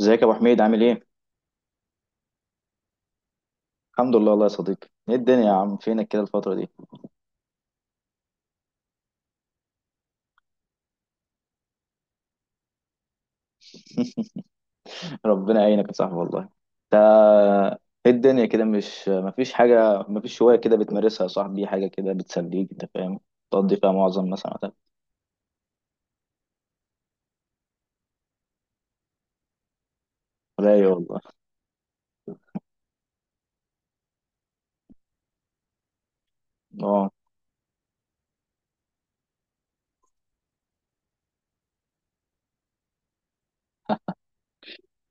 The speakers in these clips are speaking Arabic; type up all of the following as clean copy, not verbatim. ازيك يا ابو حميد عامل ايه؟ الحمد لله والله يا صديقي. ايه الدنيا يا عم؟ فينك كده الفتره دي؟ ربنا يعينك يا صاحبي والله. انت ايه الدنيا كده؟ مش مفيش حاجه، مفيش هوايه كده بتمارسها يا صاحبي، حاجه كده بتسليك، انت فاهم، تقضي فيها معظم مثلا وقتك؟ رايق والله. اه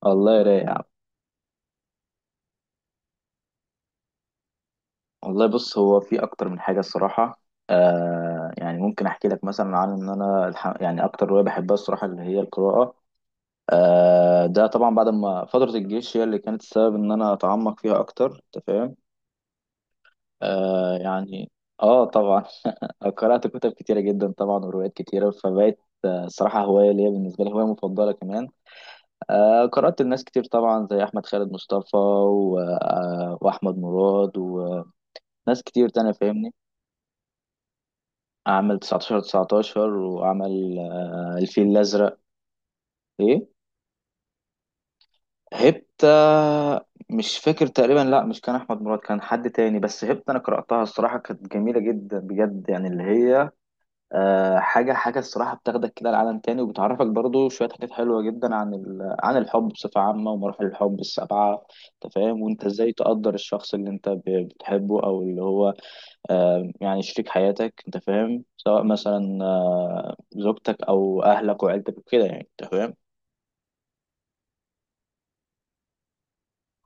والله رايق يا عم. والله بص، هو في اكتر من حاجه الصراحه. يعني ممكن احكي لك مثلا عن ان انا يعني اكتر هوايه بحبها الصراحه اللي هي القراءه. ده طبعا بعد ما فتره الجيش هي اللي كانت السبب ان انا اتعمق فيها اكتر، انت فاهم. آه يعني اه طبعا. قرأت كتب كتيرة جدا طبعا وروايات كتيرة فبقت صراحة هواية ليا، بالنسبة لي هواية مفضلة كمان. قرأت لناس كتير طبعا زي أحمد خالد مصطفى و... آه وأحمد مراد وناس كتير تانية، فاهمني. عمل 19 19 وعمل الفيل الأزرق. إيه هبت؟ مش فاكر تقريبا، لا مش كان أحمد مراد، كان حد تاني. بس هبت أنا قرأتها الصراحة، كانت جميلة جدا بجد يعني، اللي هي حاجة الصراحة بتاخدك كده لعالم تاني، وبتعرفك برضو شوية حاجات حلوة جدا عن عن الحب بصفة عامة، ومراحل الحب السبعة. أنت فاهم؟ وأنت إزاي تقدر الشخص اللي أنت بتحبه أو اللي هو يعني شريك حياتك، أنت فاهم، سواء مثلا زوجتك أو أهلك وعيلتك وكده، يعني أنت فاهم.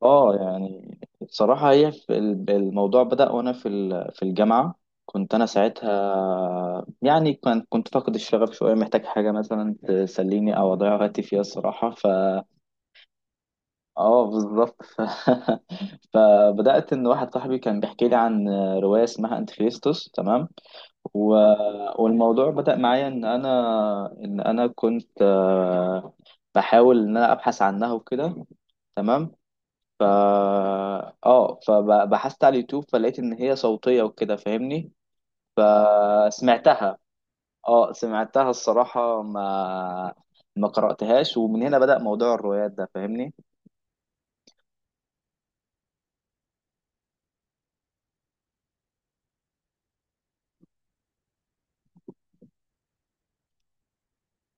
اه يعني بصراحة هي في الموضوع بدأ وانا في في الجامعة. كنت انا ساعتها يعني كنت فاقد الشغف شوية، محتاج حاجة مثلا تسليني او اضيع وقتي فيها الصراحة، ف اه بالظبط فبدأت ان واحد صاحبي كان بيحكي لي عن رواية اسمها انتيخريستوس، تمام. و... والموضوع بدأ معايا ان انا ان انا كنت بحاول ان انا ابحث عنها وكده، تمام. ف اه فبحثت على اليوتيوب، فلقيت ان هي صوتية وكده، فاهمني. فسمعتها. اه سمعتها الصراحة، ما قرأتهاش، ومن هنا بدأ موضوع الروايات ده، فاهمني.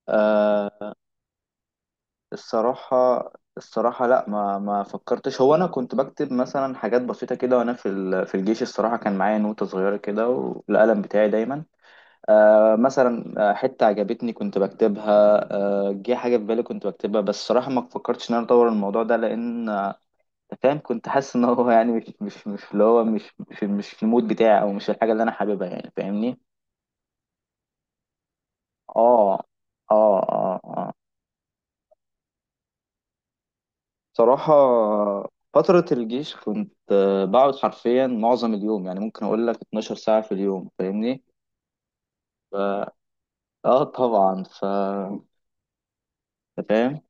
آه الصراحة، الصراحة لا ما فكرتش. هو انا كنت بكتب مثلا حاجات بسيطة كده وانا في في الجيش، الصراحة كان معايا نوتة صغيرة كده والقلم بتاعي دايما. مثلا حتة عجبتني كنت بكتبها، جه حاجة في بالي كنت بكتبها. بس صراحة ما فكرتش إن أنا أطور الموضوع ده، لأن أنت فاهم، كنت حاسس إن هو يعني مش اللي هو مش مش مش في المود بتاعي، أو مش الحاجة اللي أنا حاببها، يعني فاهمني؟ آه آه، صراحة فترة الجيش كنت بقعد حرفيا معظم اليوم، يعني ممكن أقول لك 12 ساعة في اليوم، فاهمني؟ ف... آه طبعا ف أنت فاهم؟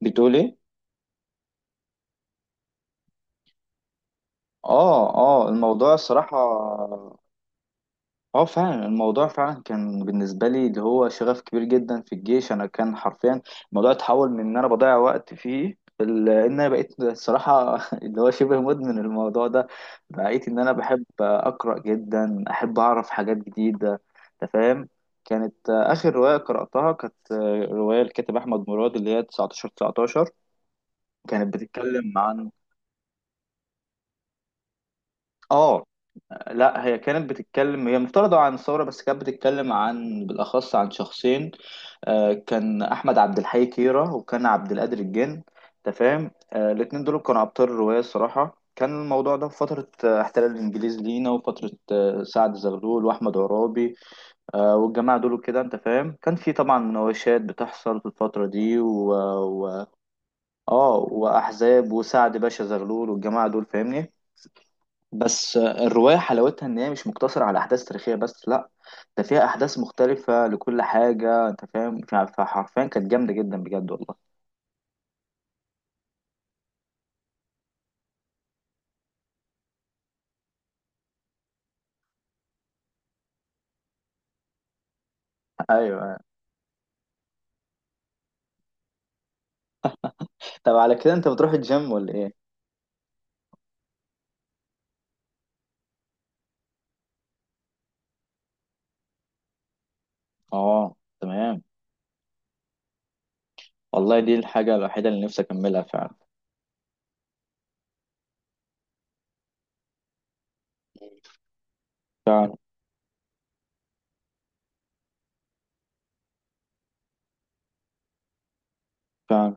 بتقول إيه؟ اه الموضوع الصراحة، اه فعلا الموضوع فعلا كان بالنسبة لي اللي هو شغف كبير جدا. في الجيش انا كان حرفيا الموضوع اتحول من ان انا بضيع وقت فيه ان انا بقيت الصراحة اللي هو شبه مدمن الموضوع ده، بقيت ان انا بحب اقرأ جدا، احب اعرف حاجات جديدة، انت فاهم. كانت اخر رواية قرأتها كانت رواية الكاتب احمد مراد اللي هي 19 19، كانت بتتكلم عن اه لا، هي كانت بتتكلم، هي مفترضة عن الثورة، بس كانت بتتكلم عن بالأخص عن شخصين. كان أحمد عبد الحي كيرة، وكان عبد القادر الجن. أنت فاهم؟ الاتنين دول كانوا أبطال الرواية الصراحة. كان الموضوع ده في فترة احتلال الإنجليز لينا، وفترة سعد زغلول وأحمد عرابي. والجماعة دول كده، أنت فاهم، كان في طبعا مناوشات بتحصل في الفترة دي، و... و... آه وأحزاب، وسعد باشا زغلول والجماعة دول، فاهمني. بس الرواية حلاوتها إن هي مش مقتصرة على أحداث تاريخية بس، لأ، ده فيها أحداث مختلفة لكل حاجة، أنت فاهم. فحرفيا كانت جامدة جدا بجد والله. أيوه. طب على كده أنت بتروح الجيم ولا إيه؟ آه تمام. والله دي الحاجة الوحيدة اللي نفسي أكملها فعلا. فعلا، فعلا.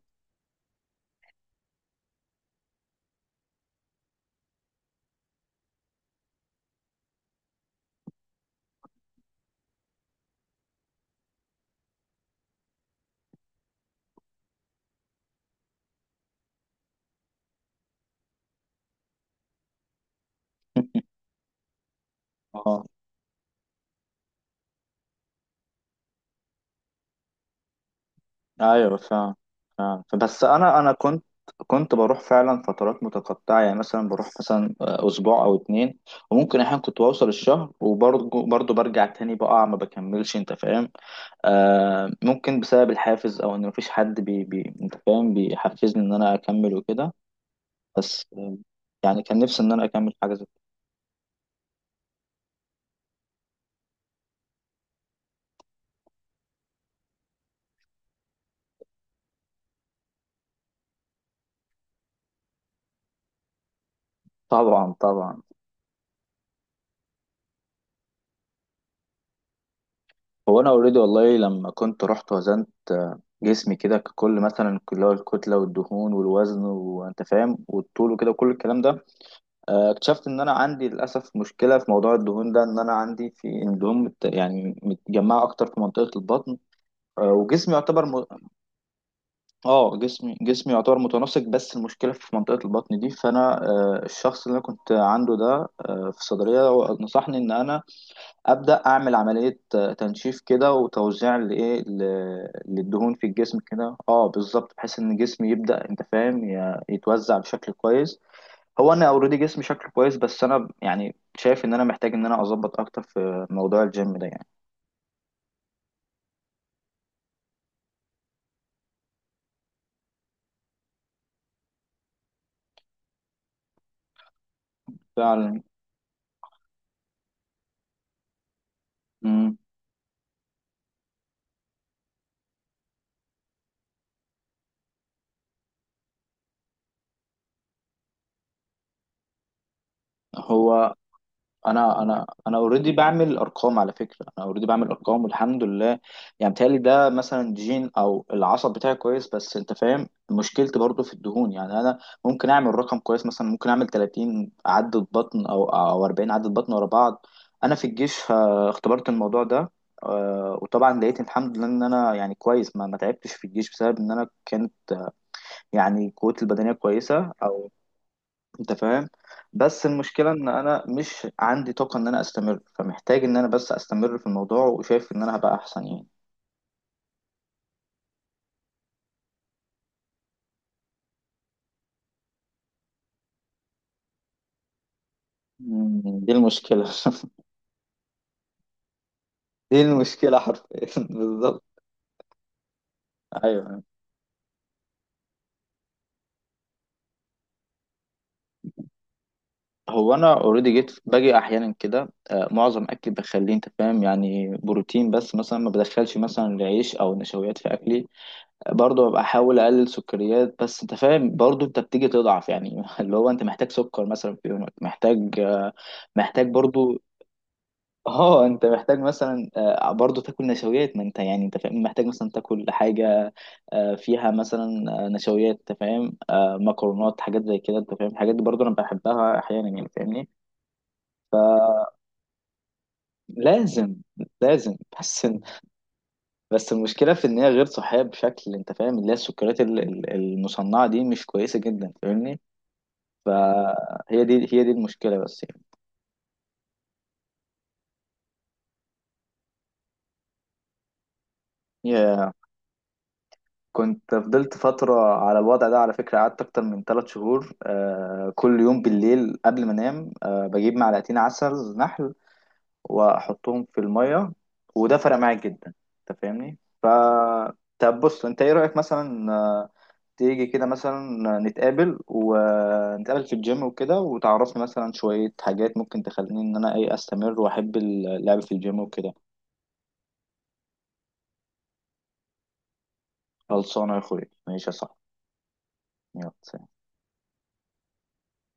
آه أيوه فعلا. بس انا كنت، كنت بروح فعلا فترات متقطعه، يعني مثلا بروح مثلا اسبوع او اتنين، وممكن احيانا كنت بوصل الشهر وبرضه، برجع تاني بقع ما بكملش، انت فاهم. ممكن بسبب الحافز، او ان مفيش حد بي بي انت فاهم بيحفزني ان انا اكمل وكده. بس آه يعني كان نفسي ان انا اكمل حاجه زي كده. طبعا، طبعا. هو انا اوريدي والله لما كنت رحت وزنت جسمي كده ككل، مثلا اللي هو الكتله والدهون والوزن، وانت فاهم، والطول وكده وكل الكلام ده. اكتشفت ان انا عندي للاسف مشكله في موضوع الدهون ده، ان انا عندي في الدهون يعني متجمعه اكتر في منطقه البطن. وجسمي يعتبر م... اه جسمي، يعتبر متناسق، بس المشكله في منطقه البطن دي. فانا الشخص اللي انا كنت عنده ده في الصيدليه، هو نصحني ان انا ابدا اعمل عمليه تنشيف كده، وتوزيع للدهون في الجسم كده. اه بالظبط، بحيث ان جسمي يبدا انت فاهم يتوزع بشكل كويس. هو انا اوريدي جسمي شكله كويس، بس انا يعني شايف ان انا محتاج ان انا اظبط اكتر في موضوع الجيم ده يعني. فعلا. مم. هو انا اوريدي بعمل ارقام على فكره، انا اوريدي بعمل ارقام والحمد لله. يعني بتهيألي ده مثلا جين، او العصب بتاعي كويس، بس انت فاهم مشكلتي برضو في الدهون يعني. انا ممكن اعمل رقم كويس، مثلا ممكن اعمل 30 عدة بطن او 40 عدة بطن ورا بعض. انا في الجيش اختبرت الموضوع ده وطبعا لقيت الحمد لله ان انا يعني كويس، ما تعبتش في الجيش بسبب ان انا كانت يعني قوتي البدنيه كويسه، او انت فاهم. بس المشكله ان انا مش عندي طاقه ان انا استمر، فمحتاج ان انا بس استمر في الموضوع، وشايف ان انا هبقى احسن يعني. دي المشكله. دي المشكله حرفيا. بالظبط، ايوه. هو انا اوريدي جيت باجي احيانا كده، معظم اكلي بخليه انت فاهم يعني بروتين بس، مثلا ما بدخلش مثلا عيش او نشويات في اكلي. برضه ببقى احاول اقلل سكريات. بس انت فاهم برضه انت بتيجي تضعف يعني، اللي هو انت محتاج سكر مثلا في يومك، محتاج محتاج برضو. اه انت محتاج مثلا برضه تاكل نشويات، ما انت يعني انت فاهم محتاج مثلا تاكل حاجه فيها مثلا نشويات، انت فاهم، مكرونات حاجات زي كده، انت فاهم، الحاجات دي برضه انا بحبها احيانا يعني فاهمني. لازم، لازم. بس، بس المشكله في ان هي غير صحيه بشكل، انت فاهم اللي هي السكريات المصنعه دي مش كويسه جدا، فاهمني. فهي دي، هي دي المشكله بس. يعني كنت فضلت فترة على الوضع ده على فكرة، قعدت أكتر من ثلاث شهور. آه كل يوم بالليل قبل ما أنام، آه بجيب معلقتين عسل نحل وأحطهم في المية، وده فرق معايا جدا. أنت فاهمني؟ ف طب بص أنت إيه رأيك مثلا تيجي كده مثلا نتقابل، ونتقابل في الجيم وكده، وتعرفني مثلا شوية حاجات ممكن تخليني إن أنا إيه أستمر وأحب اللعب في الجيم وكده. خلصانة يا أخويا، ماشي يا صاحبي. يلا.